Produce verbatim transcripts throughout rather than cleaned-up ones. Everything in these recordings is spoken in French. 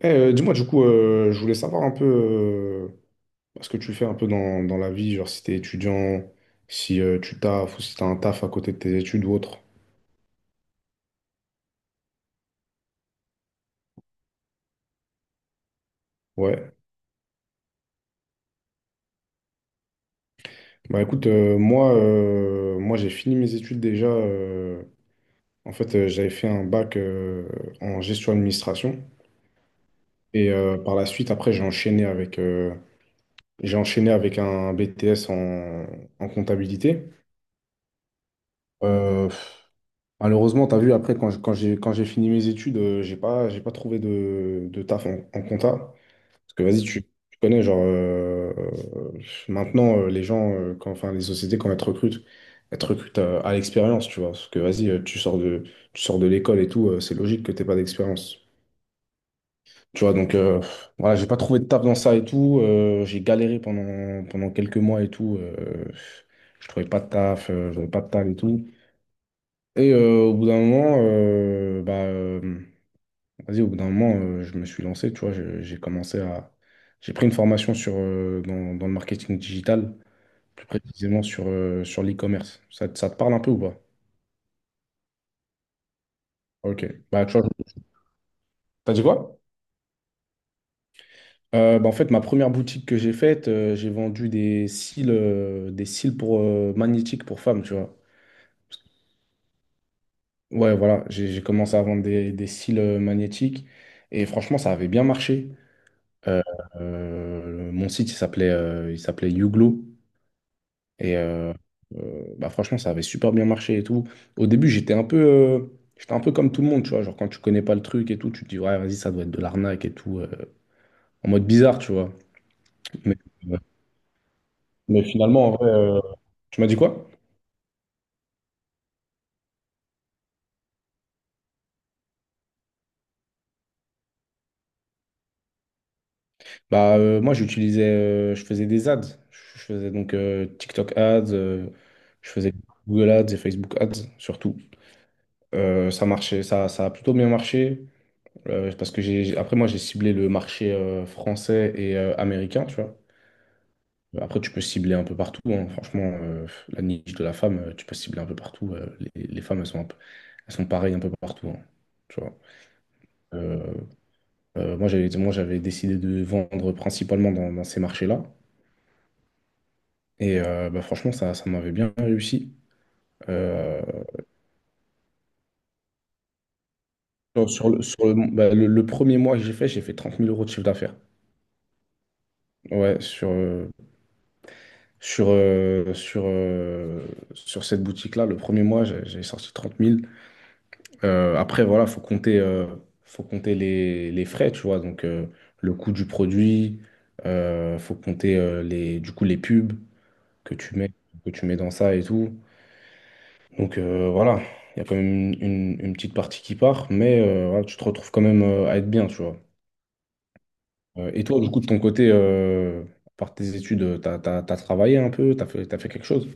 Eh, euh, dis-moi, du coup, euh, je voulais savoir un peu euh, ce que tu fais un peu dans, dans la vie, genre si t'es étudiant, si euh, tu taffes ou si t'as un taf à côté de tes études ou autre. Ouais. Bah écoute, euh, moi, euh, moi j'ai fini mes études déjà. Euh, en fait, euh, j'avais fait un bac euh, en gestion administration et euh, par la suite, après, j'ai enchaîné avec euh, j'ai enchaîné avec un B T S en, en comptabilité. Euh, Malheureusement, tu as vu, après, quand, je- quand j'ai, quand j'ai fini mes études, euh, j'ai pas, j'ai pas trouvé de, de taf en, en compta. Parce que vas-y, tu, tu connais, genre, euh, euh, maintenant, euh, les gens, euh, quand, enfin, les sociétés, quand elles te recrutent, elles te recrutent euh, à l'expérience, tu vois. Parce que vas-y, euh, tu sors de, tu sors de l'école et tout, euh, c'est logique que t'aies pas d'expérience. Tu vois, donc, euh, voilà, j'ai pas trouvé de taf dans ça et tout. Euh, j'ai galéré pendant, pendant quelques mois et tout. Euh, je trouvais pas de taf, euh, j'avais pas de taf et tout. Et euh, au bout d'un moment, euh, bah, euh, vas-y, au bout d'un moment, euh, je me suis lancé, tu vois, je- j'ai commencé à... J'ai pris une formation sur, euh, dans, dans le marketing digital, plus précisément sur, euh, sur l'e-commerce. Ça, te- ça te parle un peu ou pas? Ok. Bah, tu vois, t'as dit quoi? Euh, bah, en fait, ma première boutique que j'ai faite, euh, j'ai vendu des cils, euh, des cils pour, euh, magnétiques pour femmes, tu vois. Ouais, voilà, j'ai j'ai commencé à vendre des, des cils euh, magnétiques et franchement, ça avait bien marché. Euh, euh, Mon site, il s'appelait euh, il s'appelait Youglo. Et euh, euh, bah, franchement, ça avait super bien marché et tout. Au début, j'étais un peu, euh, j'étais un peu comme tout le monde, tu vois. Genre, quand tu connais pas le truc et tout, tu te dis, ouais, vas-y, ça doit être de l'arnaque et tout. Euh, en mode bizarre, tu vois. Mais, euh, mais finalement, en vrai, euh, tu m'as dit quoi? Bah, euh, moi, j'utilisais, euh, je faisais des ads. Je faisais donc euh, TikTok ads, euh, je faisais Google ads et Facebook ads surtout. Euh, ça marchait, ça, ça a plutôt bien marché. Euh, parce que j'ai, après, moi, j'ai ciblé le marché euh, français et euh, américain, tu vois. Après, tu peux cibler un peu partout, hein. Franchement, euh, la niche de la femme, euh, tu peux cibler un peu partout. Euh, les, les femmes, elles sont, un peu- elles sont pareilles un peu partout, hein, tu vois. Euh, euh, moi, j'avais, Moi, j'avais décidé de vendre principalement dans, dans ces marchés-là. Et euh, bah, franchement, ça, ça m'avait bien réussi. Euh, sur, sur le, sur le- bah, le- Le premier mois que j'ai fait, j'ai fait trente mille euros de chiffre d'affaires. Ouais, sur, euh, Sur, euh, sur, euh, sur cette boutique-là, le premier mois, j'ai j'ai sorti trente mille. Euh, après, voilà, faut compter, euh, faut compter les, les frais, tu vois. Donc, euh, le coût du produit, euh, faut compter euh, les, du coup, les pubs que tu mets, que tu mets dans ça et tout. Donc, euh, voilà, il y a quand même une, une- une petite partie qui part, mais euh, voilà, tu te retrouves quand même euh, à être bien, tu vois. Euh, et toi, du coup, de ton côté, euh, à part tes études, euh, t'as, t'as, t'as travaillé un peu, t'as fait, t'as fait quelque chose?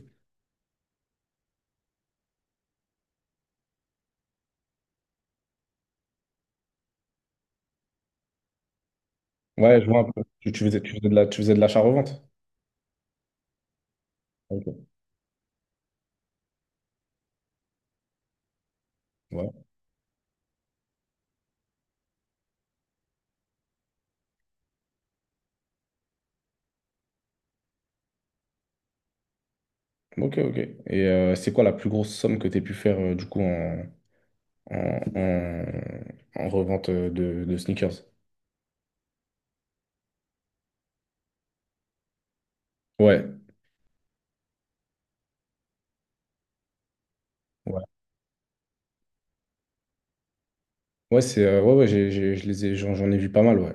Ouais, je vois un peu. Tu, tu faisais, tu faisais de la, tu faisais de l'achat-revente. Ok. Ouais. Ok, ok. Et euh, c'est quoi la plus grosse somme que tu as pu faire euh, du coup en, en, en- en revente euh, de, de sneakers? Ouais. Ouais, ouais, c'est, euh, ouais, ouais, j'ai, j'ai- je les ai, j'en, j'en ai vu pas mal, ouais.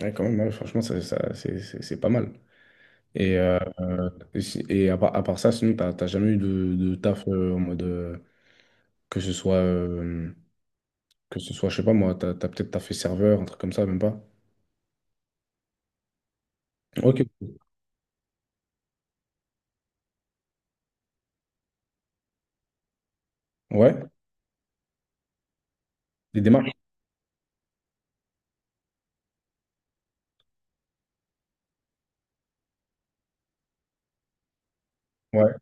Ouais, quand même, ouais, franchement, ça, ça- c'est c'est- c'est pas mal. Et, euh, et si- et à part, à part ça, sinon, t'as t'as jamais eu de, de taf euh, en mode euh, que ce soit, euh, que ce soit, je sais pas moi, t'as t'as peut-être taffé serveur, un truc comme ça, même pas. Ok. Ouais. Des démarches. Ouais.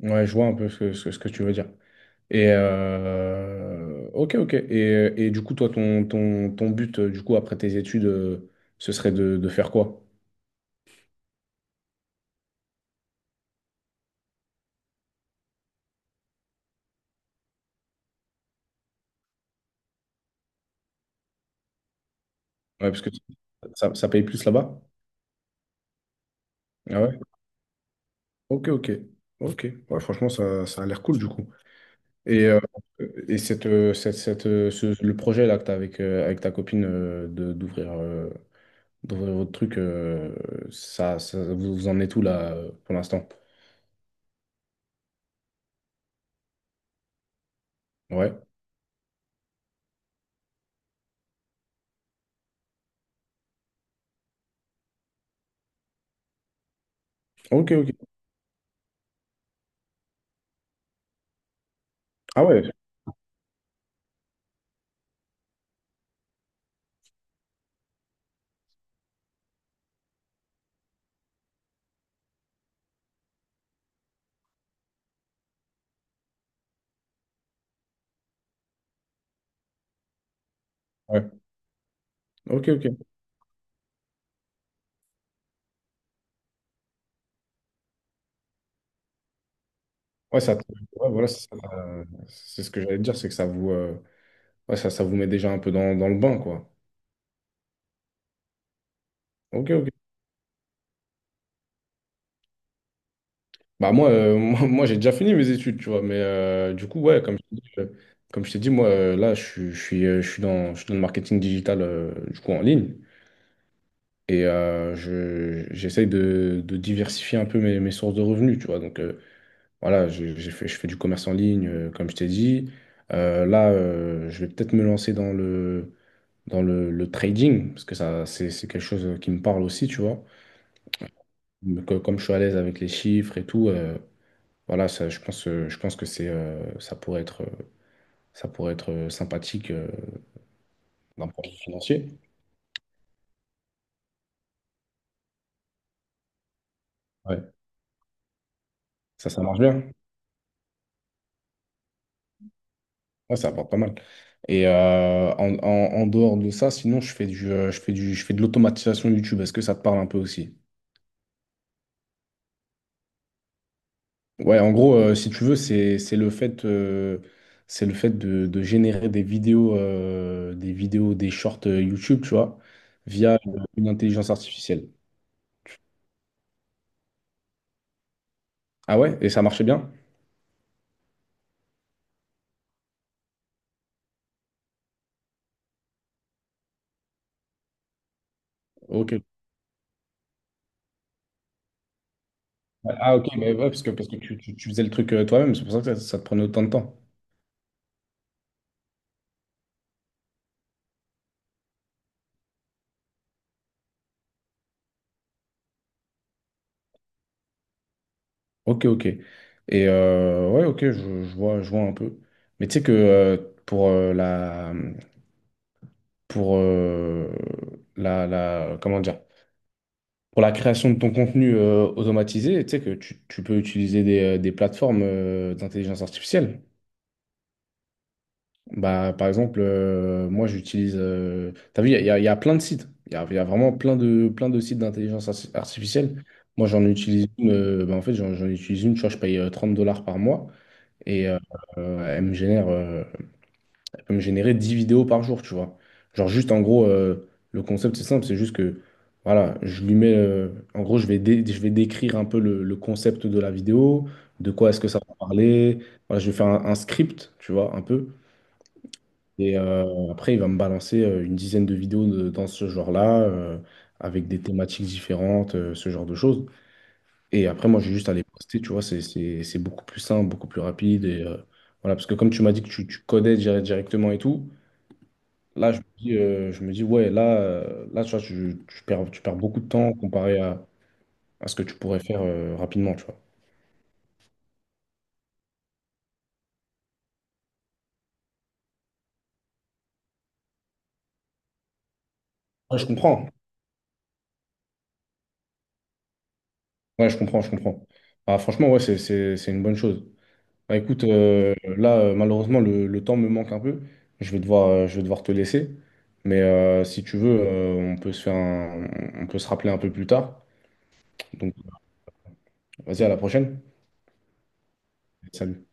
Ouais, je vois un peu ce que, ce, que ce que tu veux dire. Et euh, ok, ok. Et, euh, et du coup, toi, ton, ton, ton but, euh, du coup, après tes études, euh, ce serait de, de faire quoi? Ouais, parce que ça, ça paye plus là-bas? Ah ouais? Ok, ok. Ok. Ouais, franchement, ça, ça a l'air cool, du coup. Et, euh, et cette, euh, cette, cette, euh, ce- le projet là que tu as avec, euh, avec ta copine euh, de, d'ouvrir euh, d'ouvrir votre truc, euh, ça, ça, vous, vous en êtes où là euh, pour l'instant? Ouais. Ok, ok. Ah ouais. Ouais. Ok, ok. Ouais, ça, te- ouais, voilà, c'est ça, euh, c'est ce que j'allais te dire, c'est que ça vous, euh, ouais, ça, ça vous met déjà un peu dans, dans le bain, quoi. Ok, ok. Bah moi, euh, moi, moi, j'ai déjà fini mes études, tu vois, mais euh, du coup, ouais, comme je t'ai dit, euh, comme je t'ai dit, moi, euh, là, je, suis, je suis, euh, je suis dans, je suis dans le marketing digital, euh, du coup, en ligne, et euh, je, j'essaye de, de diversifier un peu mes, mes sources de revenus, tu vois. Donc, euh, voilà, j'ai, j'ai fait, je fais du commerce en ligne, euh, comme je t'ai dit. Euh, là, euh, je vais peut-être me lancer dans le dans le, le trading, parce que ça, c'est c'est quelque chose qui me parle aussi, tu vois. Donc, euh, comme je suis à l'aise avec les chiffres et tout, euh, voilà, ça, je pense, euh, je pense que c'est, euh, ça pourrait être, euh, ça pourrait être euh, sympathique euh, d'un point de vue financier. Ouais. Ça, ça marche bien. Ouais, ça apporte pas mal. Et euh, en, en- en dehors de ça, sinon, je fais du, euh, je fais du, je fais de l'automatisation YouTube. Est-ce que ça te parle un peu aussi? Ouais, en gros, euh, si tu veux, c'est c'est le fait, euh, c'est le fait de, de générer des vidéos, euh, des vidéos, des shorts euh, YouTube, tu vois, via euh, une intelligence artificielle. Ah ouais? Et ça marchait bien? Ok. Ah ok, mais ouais, parce que, parce que tu, tu- tu faisais le truc euh, toi-même, c'est pour ça que ça, ça te prenait autant de temps. Ok, ok. Et euh, ouais, ok, je, je vois, je vois un peu. Mais tu sais que euh, pour euh, la, pour euh, la, la, comment dire? Pour la création de ton contenu euh, automatisé, tu sais que tu, tu peux utiliser des, euh, des plateformes euh, d'intelligence artificielle. Bah, par exemple, euh, moi j'utilise. Euh, t'as vu, il y a, il y a- il y a plein de sites. Il y a, il y a vraiment plein de, plein de sites d'intelligence arti- artificielle. Moi j'en utilise une. Euh, bah, en fait, j'en j'en utilise une. Tu vois, je paye euh, trente dollars par mois et euh, euh, elle me génère. Euh, peut me générer dix vidéos par jour, tu vois. Genre juste en gros, euh, le concept c'est simple, c'est juste que voilà, je lui mets, euh, en gros, je vais, dé- je vais décrire un peu le, le concept de la vidéo, de quoi est-ce que ça va parler. Voilà, je vais faire un, un script, tu vois, un peu. Et euh, après, il va me balancer euh, une dizaine de vidéos de- dans ce genre-là, euh, avec des thématiques différentes, euh, ce genre de choses. Et après, moi, j'ai juste à les poster, tu vois, c'est c'est- c'est beaucoup plus simple, beaucoup plus rapide. Et, euh, voilà, parce que comme tu m'as dit que tu, tu codais dire- directement et tout, là, je me dis, euh, je me dis ouais, là, euh, là, tu vois, tu, tu perds, tu perds beaucoup de temps comparé à, à ce que tu pourrais faire euh, rapidement, tu vois. Ouais, je comprends. Ouais, je comprends, je comprends. Ah, franchement, ouais, c'est, c'est, c'est une bonne chose. Bah, écoute, euh, là, euh, malheureusement, le, le temps me manque un peu. Je vais devoir, euh, je vais devoir te laisser. Mais euh, si tu veux, euh, on peut se faire un- on peut se rappeler un peu plus tard. Donc, vas-y, à la prochaine. Salut.